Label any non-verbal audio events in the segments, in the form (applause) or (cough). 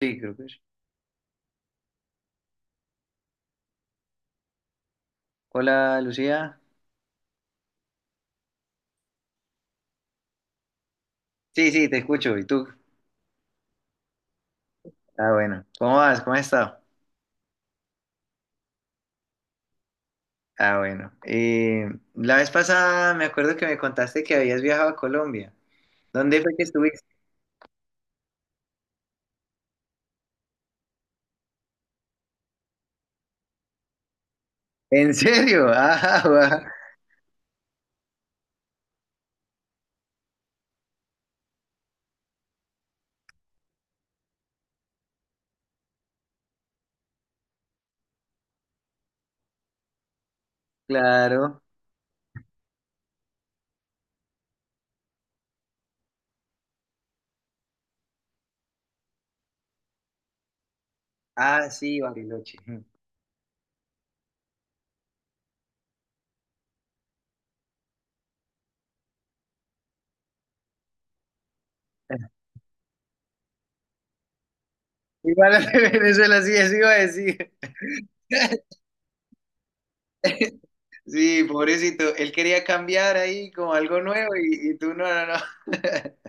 Sí, creo que sí. Hola, Lucía. Sí, sí, te escucho. ¿Y tú? Ah, bueno. ¿Cómo vas? ¿Cómo has estado? Ah, bueno. La vez pasada me acuerdo que me contaste que habías viajado a Colombia. ¿Dónde fue que estuviste? (laughs) ¿En serio? Ah, (laughs) guau. Claro. Ah, sí, Bariloche. Igual (laughs) al de Venezuela, sí, eso iba a decir. Sí, pobrecito. Él quería cambiar ahí como algo nuevo y tú no, no, no. (laughs)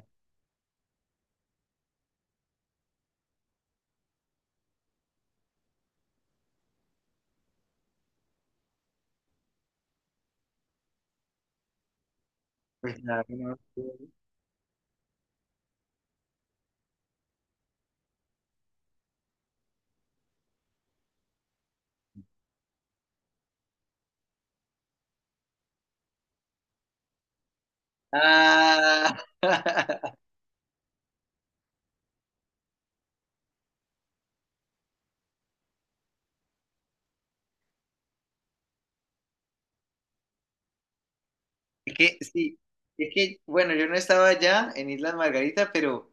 Pues nada, no. No. Ah. (laughs) Es que, sí, es que, bueno, yo no estaba allá en Islas Margarita, pero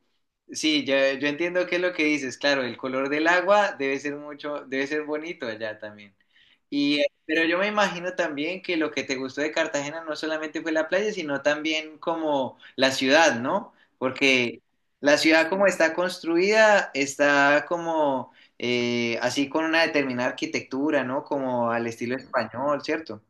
sí, ya, yo entiendo qué es lo que dices. Claro, el color del agua debe ser mucho, debe ser bonito allá también. Y, pero yo me imagino también que lo que te gustó de Cartagena no solamente fue la playa, sino también como la ciudad, ¿no? Porque la ciudad como está construida, está como así con una determinada arquitectura, ¿no? Como al estilo español, ¿cierto?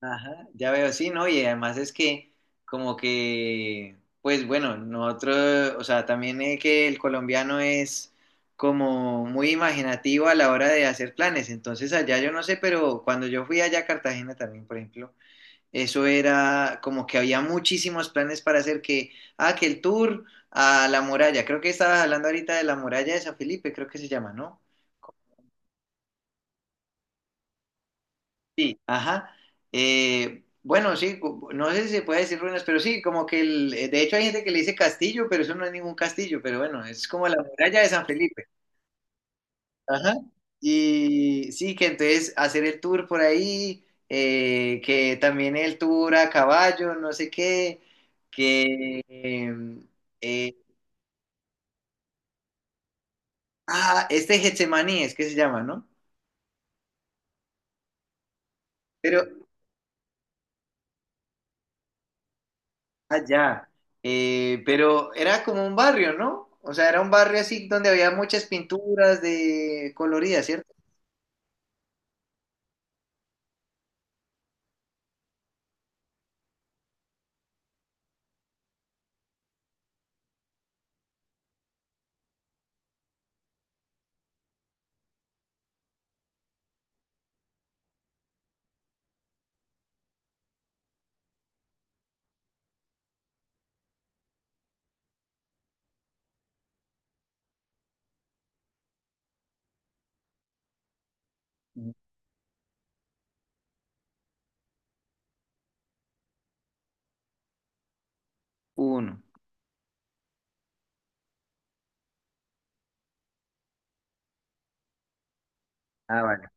Ajá, ya veo, sí, ¿no? Y además es que como que, pues bueno, nosotros, o sea, también es que el colombiano es como muy imaginativo a la hora de hacer planes. Entonces allá yo no sé, pero cuando yo fui allá a Cartagena también, por ejemplo, eso era como que había muchísimos planes para hacer que, ah, que el tour a la muralla, creo que estabas hablando ahorita de la muralla de San Felipe, creo que se llama, ¿no? Sí, ajá. Bueno, sí, no sé si se puede decir ruinas, pero sí, como que de hecho hay gente que le dice castillo, pero eso no es ningún castillo, pero bueno, es como la muralla de San Felipe. Ajá. Y sí, que entonces hacer el tour por ahí, que también el tour a caballo, no sé qué, que... eh, eh, este Getsemaní es que se llama, ¿no? Pero, allá. Pero era como un barrio, ¿no? O sea, era un barrio así donde había muchas pinturas de coloridas, ¿cierto? Uno. Ah, vale.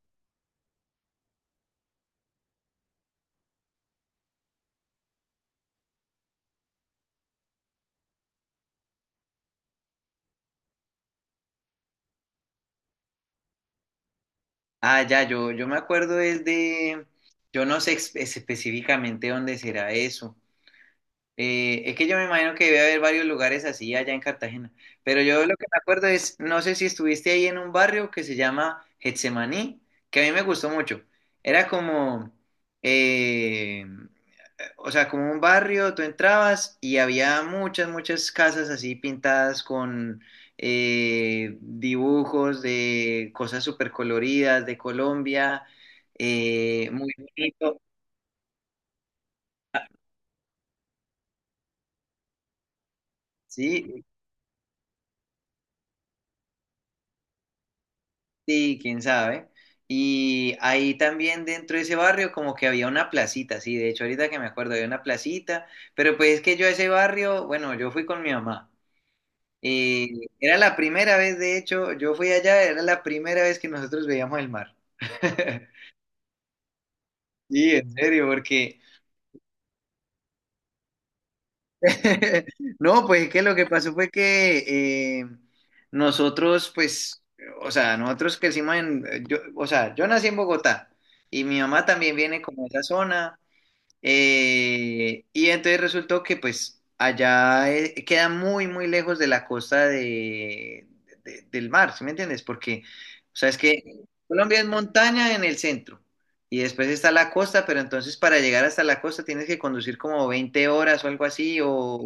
Ah, ya, yo me acuerdo es de, yo no sé específicamente dónde será eso. Es que yo me imagino que debe haber varios lugares así allá en Cartagena. Pero yo lo que me acuerdo es, no sé si estuviste ahí en un barrio que se llama Getsemaní, que a mí me gustó mucho. Era como, eh, o sea, como un barrio, tú entrabas y había muchas, muchas casas así pintadas con dibujos de cosas súper coloridas de Colombia, muy bonito, sí, sí, quién sabe. Y ahí también dentro de ese barrio como que había una placita, sí, de hecho ahorita que me acuerdo había una placita, pero pues es que yo a ese barrio, bueno, yo fui con mi mamá. Y era la primera vez, de hecho, yo fui allá, era la primera vez que nosotros veíamos el mar. (laughs) Sí, en serio, porque. (laughs) No, pues es que lo que pasó fue que nosotros, pues, o sea, nosotros crecimos en. Yo, o sea, yo nací en Bogotá y mi mamá también viene como de esa zona. Y entonces resultó que pues allá queda muy, muy lejos de la costa del mar, ¿sí me entiendes? Porque, o sea, es que Colombia es montaña en el centro y después está la costa, pero entonces para llegar hasta la costa tienes que conducir como 20 horas o algo así, o.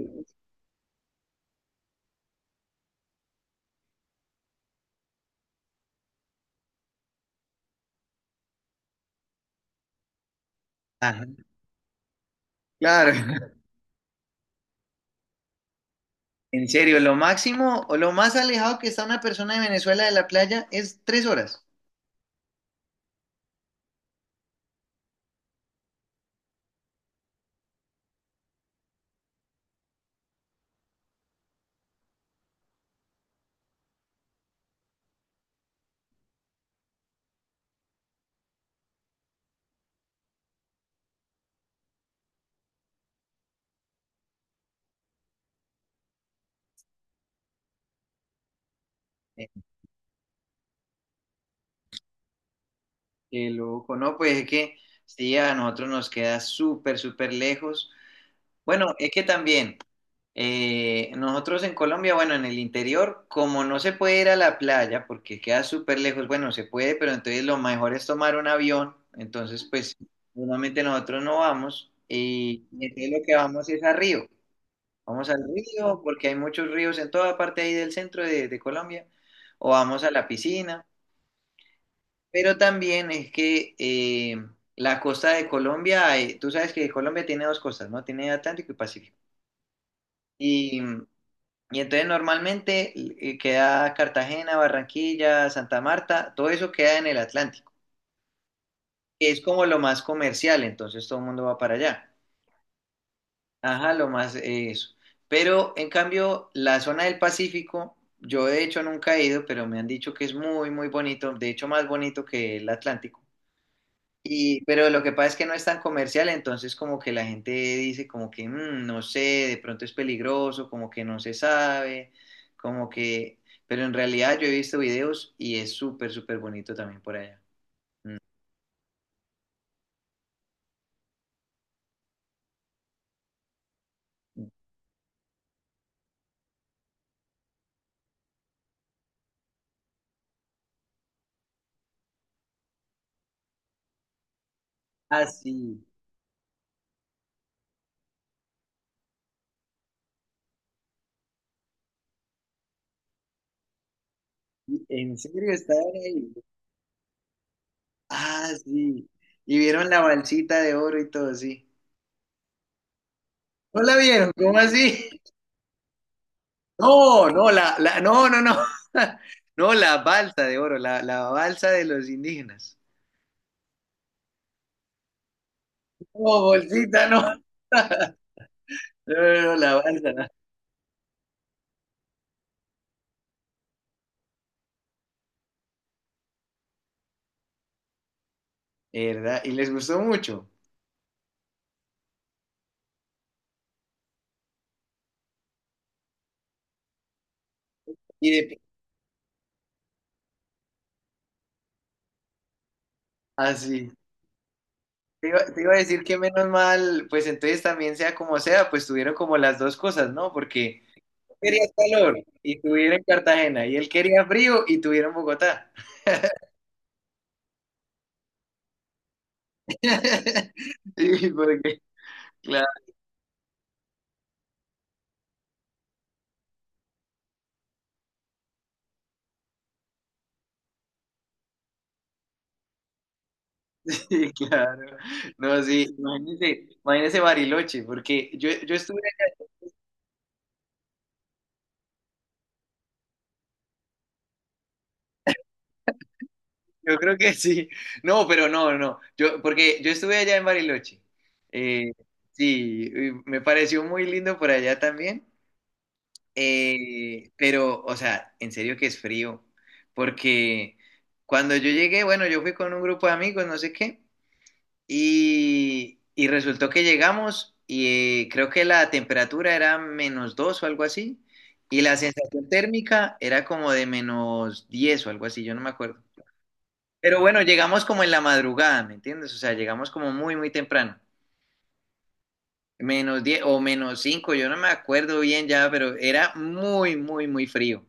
Ajá, claro, (laughs) en serio, lo máximo o lo más alejado que está una persona de Venezuela de la playa es 3 horas. Qué loco, no, pues es que sí, a nosotros nos queda súper, súper lejos. Bueno, es que también nosotros en Colombia, bueno, en el interior, como no se puede ir a la playa porque queda súper lejos, bueno, se puede, pero entonces lo mejor es tomar un avión. Entonces, pues, normalmente nosotros no vamos y entonces lo que vamos es a Río. Vamos al río porque hay muchos ríos en toda parte ahí del centro de Colombia o vamos a la piscina. Pero también es que la costa de Colombia, tú sabes que Colombia tiene dos costas, ¿no? Tiene Atlántico y Pacífico. Y, mm, y entonces normalmente queda Cartagena, Barranquilla, Santa Marta, todo eso queda en el Atlántico, que es como lo más comercial, entonces todo el mundo va para allá. Ajá, lo más eso. Pero en cambio, la zona del Pacífico, yo de hecho nunca he ido, pero me han dicho que es muy, muy bonito, de hecho más bonito que el Atlántico. Y, pero lo que pasa es que no es tan comercial, entonces como que la gente dice como que "Mm, no sé, de pronto es peligroso, como que no se sabe, como que. Pero en realidad yo he visto videos y es súper, súper bonito también por allá. Ah, sí. ¿En serio estaban ahí? Ah, sí. Y vieron la balsita de oro y todo, sí. ¿No la vieron? ¿Cómo así? (laughs) No, no, la, no, no, no. (laughs) No, la balsa de oro, la balsa de los indígenas. No, bolsita, no. (laughs) No, no, no, la balsa, ¿verdad? Y les gustó mucho. Y de. Así. Te iba a decir que menos mal, pues entonces también sea como sea, pues tuvieron como las dos cosas, ¿no? Porque yo quería calor y tuvieron en Cartagena, y él quería frío y tuvieron Bogotá. (laughs) Sí, porque, claro, (laughs) sí, claro. No, sí, imagínese, imagínese Bariloche, porque yo, estuve. Yo creo que (laughs) sí. No, pero no, no. Yo, porque yo estuve allá en Bariloche. Eh, sí, y me pareció muy lindo por allá también. Pero, o sea, en serio que es frío. Porque cuando yo llegué, bueno, yo fui con un grupo de amigos, no sé qué, y resultó que llegamos y creo que la temperatura era -2 o algo así, y la sensación térmica era como de -10 o algo así, yo no me acuerdo. Pero bueno, llegamos como en la madrugada, ¿me entiendes? O sea, llegamos como muy, muy temprano. -10 o -5, yo no me acuerdo bien ya, pero era muy, muy, muy frío.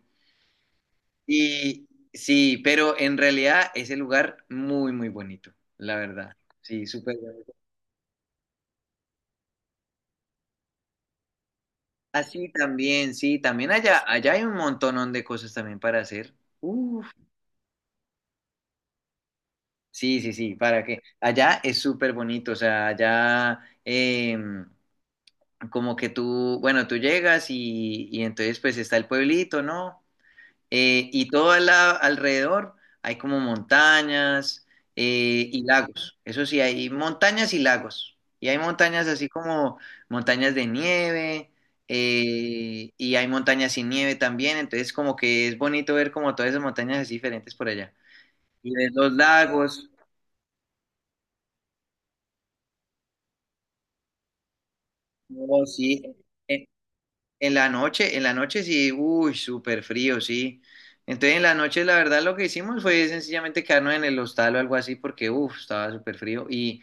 Y sí, pero en realidad ese lugar muy, muy bonito, la verdad. Sí, súper bonito. Así también, sí, también allá hay un montonón de cosas también para hacer. Uf, sí, sí, sí, para que allá es súper bonito, o sea, como que tú, bueno, tú llegas y entonces pues está el pueblito, ¿no? Y todo alrededor hay como montañas y lagos. Eso sí, hay montañas y lagos. Y hay montañas así como montañas de nieve y hay montañas sin nieve también. Entonces como que es bonito ver como todas esas montañas así diferentes por allá. Y ves los lagos. Oh, sí. Eh, en la noche sí, uy, súper frío, sí. Entonces en la noche la verdad lo que hicimos fue sencillamente quedarnos en el hostal o algo así porque, uff, estaba súper frío. Y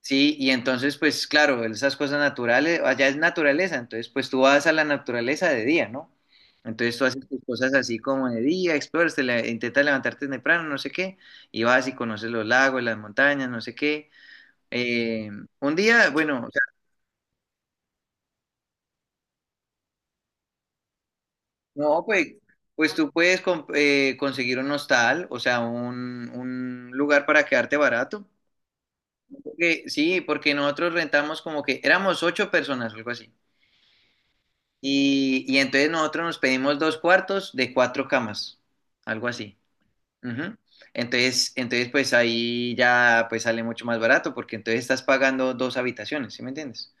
sí, y entonces pues claro, esas cosas naturales, allá es naturaleza, entonces pues tú vas a la naturaleza de día, ¿no? Entonces tú haces tus cosas así como de día, exploras, intentas levantarte temprano, no sé qué, y vas y conoces los lagos, las montañas, no sé qué. Eh, un día, bueno, no, pues, tú puedes conseguir un hostal, o sea, un lugar para quedarte barato. Sí, porque nosotros rentamos como que éramos ocho personas, algo así. Y entonces nosotros nos pedimos dos cuartos de cuatro camas, algo así. Ujú. Entonces, pues ahí ya pues sale mucho más barato, porque entonces estás pagando dos habitaciones, ¿sí me entiendes?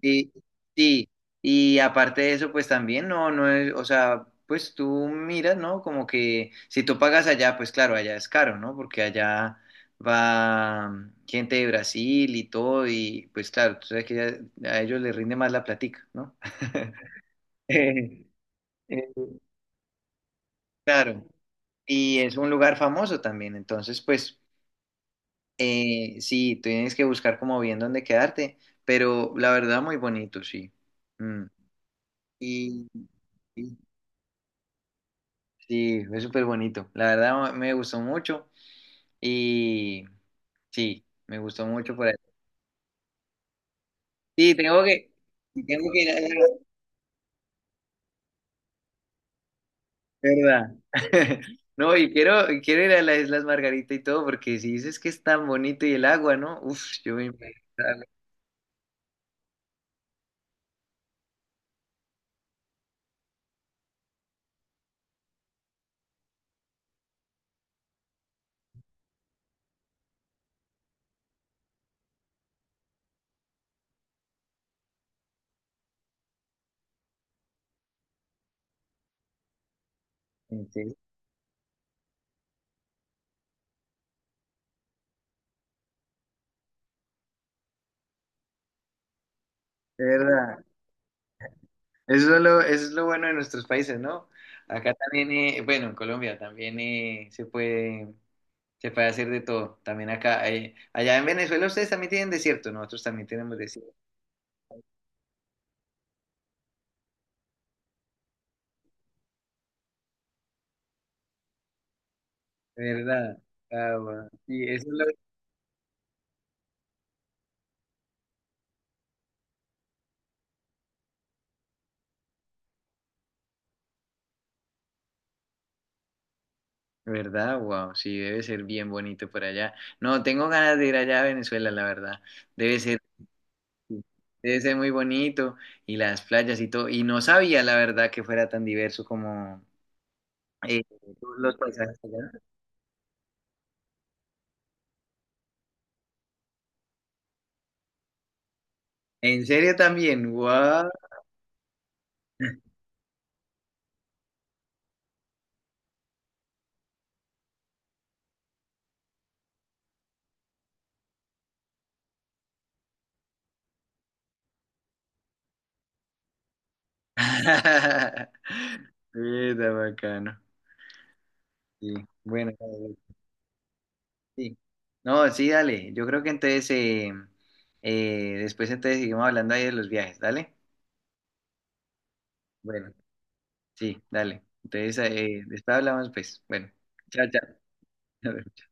Sí, sí. Y aparte de eso, pues también no, no es, o sea, pues tú miras, ¿no? Como que si tú pagas allá, pues claro, allá es caro, ¿no? Porque allá va gente de Brasil y todo, y pues claro, tú sabes que a ellos les rinde más la platica, ¿no? (laughs) Eh, eh, Claro. Y es un lugar famoso también, entonces pues sí, tienes que buscar como bien dónde quedarte, pero la verdad muy bonito, sí. Mm. Y, Sí, fue súper bonito. La verdad me gustó mucho y sí, me gustó mucho por ahí. Sí, tengo que ir a la. ¿Verdad? (laughs) No, y quiero ir a las Islas Margarita y todo, porque si dices que es tan bonito y el agua, ¿no? Uf, yo me imagino. Sí, de ¿Verdad? Eso es lo bueno de nuestros países, ¿no? Acá también, bueno, en Colombia también se puede, hacer de todo. También acá, allá en Venezuela ustedes también tienen desierto, nosotros también tenemos desierto. ¿Verdad? Ah, guau. Y eso es lo. ¿Verdad? Wow, sí, debe ser bien bonito por allá. No, tengo ganas de ir allá a Venezuela, la verdad. Debe ser, sí, debe ser muy bonito y las playas y todo. Y no sabía, la verdad, que fuera tan diverso como eh, todos los paisajes allá. ¿En serio también? Wow. (laughs) Está bacano. Sí, bueno. Sí. No, sí, dale. Yo creo que entonces, después entonces seguimos hablando ahí de los viajes, ¿dale? Bueno, sí, dale. Entonces, después hablamos, pues. Bueno, chao, chao. (laughs)